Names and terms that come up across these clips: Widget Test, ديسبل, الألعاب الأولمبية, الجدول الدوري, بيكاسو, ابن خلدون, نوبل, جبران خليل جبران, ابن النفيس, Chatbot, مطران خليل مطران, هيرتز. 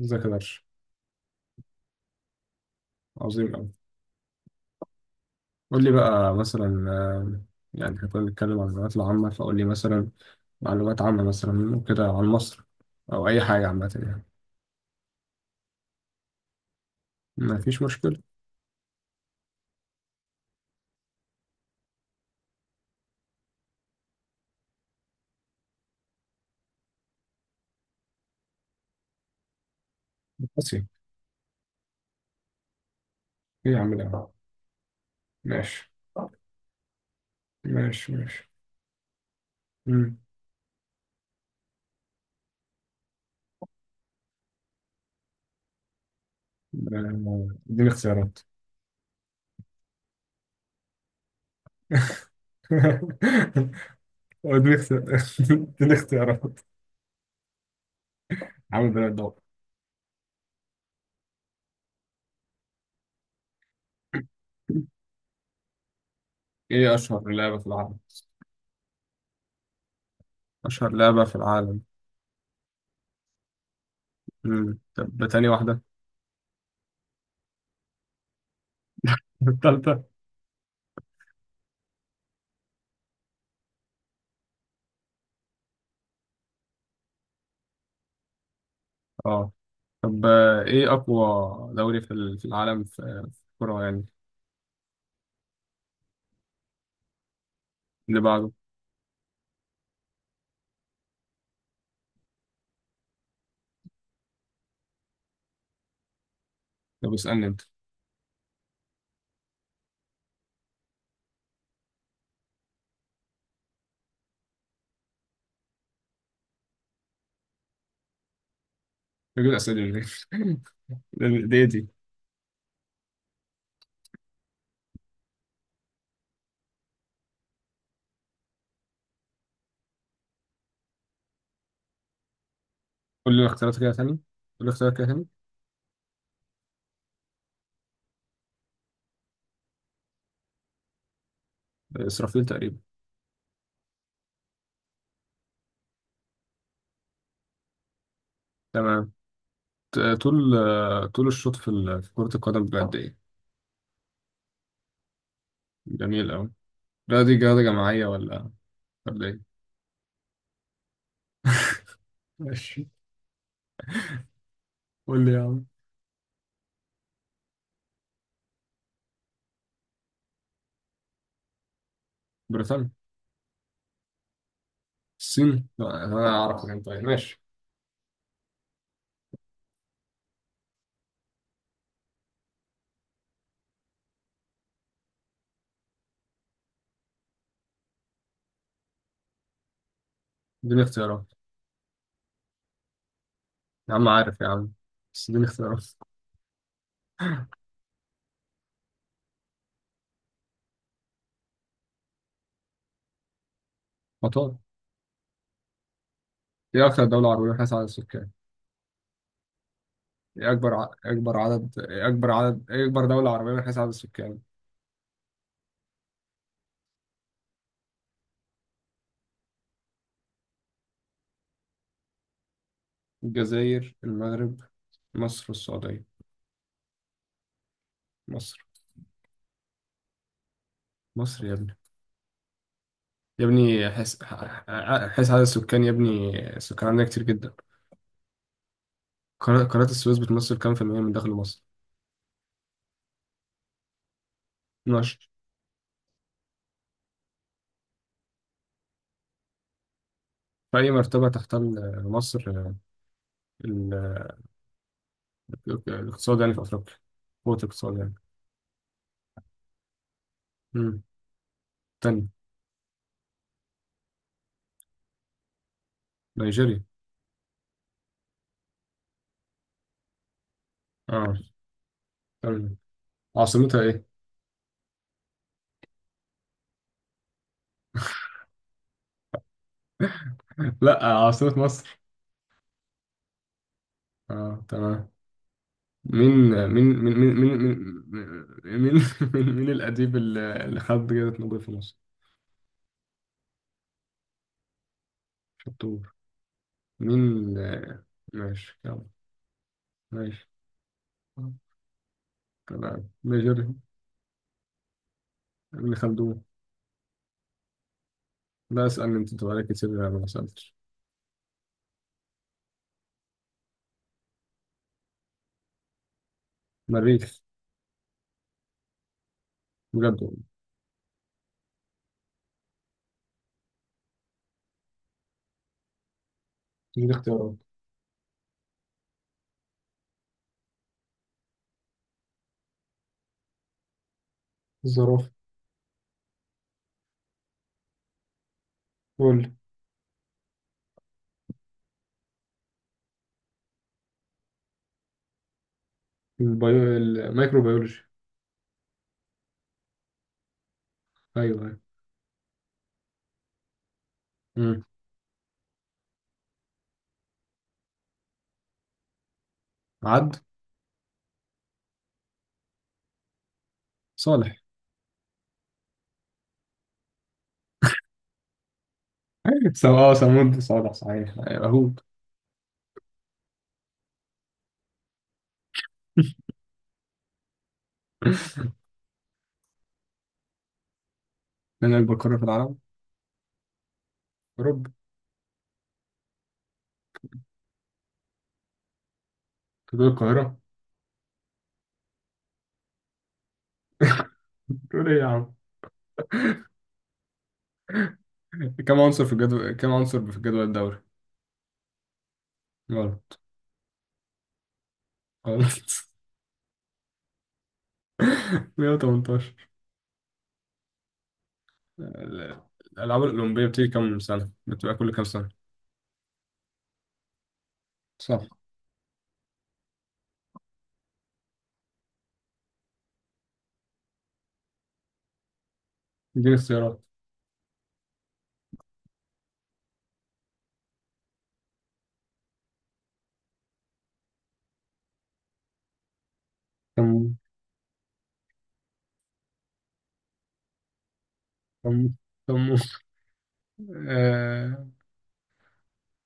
ازيك يا درش. عظيم أوي. قول لي بقى مثلا، آه، يعني احنا كنا بنتكلم عن المعلومات العامة، فقول لي مثلا معلومات عامة مثلا كده عن مصر، أو أي حاجة عامة يعني. ما فيش مشكلة. بس إيه؟ يا عم ده. ماشي ماشي ماشي. مم. اديني اختيارات. اديني اختيارات. اديني اختيارات عامل بنات ضوء. ايه أشهر لعبة في العالم؟ أشهر لعبة في العالم. مم. طب تاني واحدة. التالتة. اه. طب ايه اقوى دوري في العالم، في في الكرة يعني. اللي بعده؟ طب اسألني انت. بجيب الاسئله دي ليه؟ دي. قول لي الاختيارات كده تاني. قول لي الاختيارات كده تاني. اسرافيل تقريبا. تمام. طول، طول الشوط في كرة القدم بجد ايه؟ جميل قوي. لا دي رياضة جماعية ولا ولا ايه؟ ماشي. قول لي يا عم. بريطانيا. الصين؟ لا انا اعرف، انت طيب ماشي. اديني اختيارات. يا عم عارف يا عم، بس اديني اختيارات. مطار. ايه اكتر دولة عربية من حيث عدد السكان؟ إيه أكبر ع... أكبر عدد إيه أكبر عدد إيه أكبر دولة عربية من حيث عدد السكان؟ الجزائر، المغرب، مصر والسعودية. مصر. مصر يا ابني، يا ابني، حيث عدد السكان يا ابني. السكان عندنا كتير جدا. قناة السويس بتمثل كام في المية من دخل مصر؟ 12. في أي مرتبة تحتل مصر ال- الاقتصاد يعني في أفريقيا، قوة الاقتصاد يعني؟ مم. تاني. نيجيريا. اه تمام. عاصمتها إيه؟ لا، عاصمة مصر. اه تمام. مين مين مين مين مين مين مين، مين، مين الأديب اللي خد جائزة نوبل في مصر؟ شطور. مين ماشي يلا. ماشي تمام ميجر. ابن خلدون. لا اسأل انت بقالك كتير انا ما سألتش. مريخ. بجد والله. دي اختيارات. الزرافة. قول. البيو... الميكروبيولوجي. ايوه ايوه. مم. عد. صالح. أيوة. سم... اه سمود صالح صحيح، ايوه هود. من البقرة في العالم. اوروبا. تقول القاهرة؟ تقول ايه يا عم؟ كم عنصر في الجدول، كم عنصر في الجدول الدوري؟ غلط. غلط. 118. ال- الألعاب الأولمبية بتيجي كم سنة؟ بتبقى كل كم سنة؟ صح. اديني اختيارات. كم. كم. كم. آه...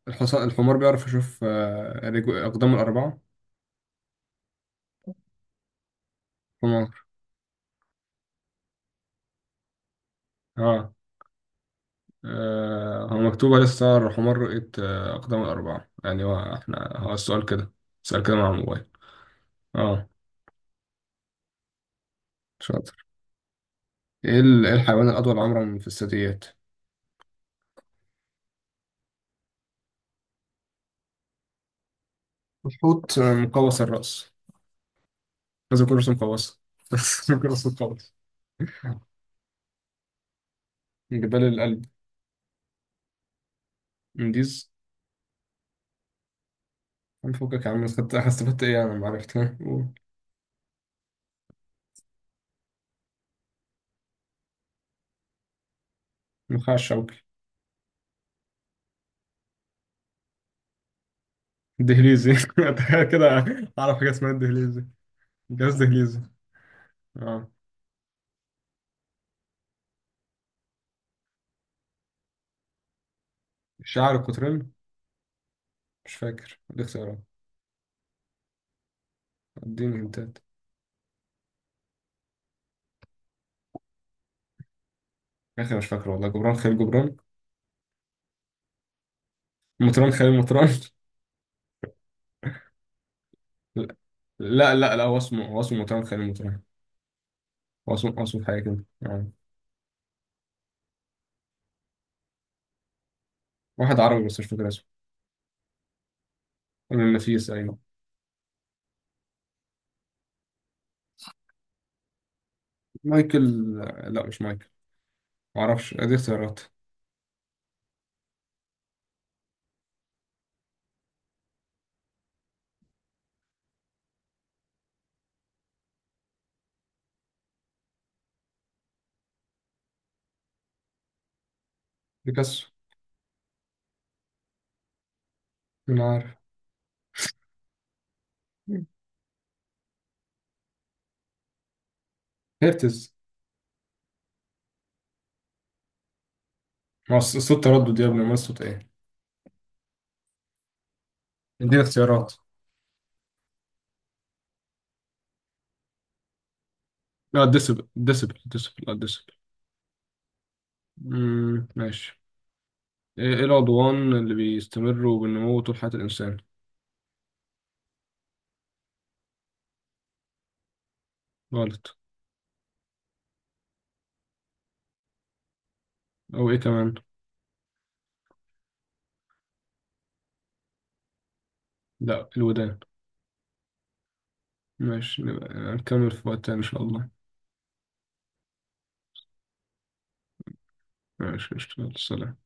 الحصان، الحمار بيعرف يشوف أقدام الأربعة؟ حمار. آه. هو مكتوبة لسه الحمار رؤية أقدام الأربعة، يعني هو احنا هو السؤال كده، السؤال كده مع الموبايل. اه. شاطر. إيه الحيوان الأطول عمرا في الثدييات؟ الحوت مقوس الرأس. لازم يكون رأسه مقوسة. لازم يكون رأسه مقوس. من جبال القلب. منديز. عم فكك يا عم، خدت استفدت ايه؟ انا ما عرفت، ها؟ قول. النخاع الشوكي. الدهليزي. تخيل كده، اعرف حاجة اسمها الدهليزي، جهاز دهليزي. اه. الشاعر القطرين. مش فاكر، دي اختيارات. اديني هنتات. يا اخي مش فاكر والله، جبران خليل جبران. مطران خليل مطران. لا، هو اسمه، مطران خليل مطران. هو اسمه حاجة كده واحد عربي بس مش فاكر اسمه. ابن النفيس، ايوه. مايكل. لا مش مايكل. معرفش، ادي اختيارات. بيكاسو. مين عارف. هيرتز. ما هو صوت تردد يا ابني، ما صوت ايه؟ اديني اختيارات. لا ديسبل، ديسبل ديسبل لا ديسبل. ماشي. إيه العضوان اللي بيستمروا بالنمو طول حياة الانسان؟ غلط. او ايه كمان؟ لا الودان. ماشي نبقى نكمل في وقت تاني ان شاء الله. ماشي قشطة. يلا، سلام.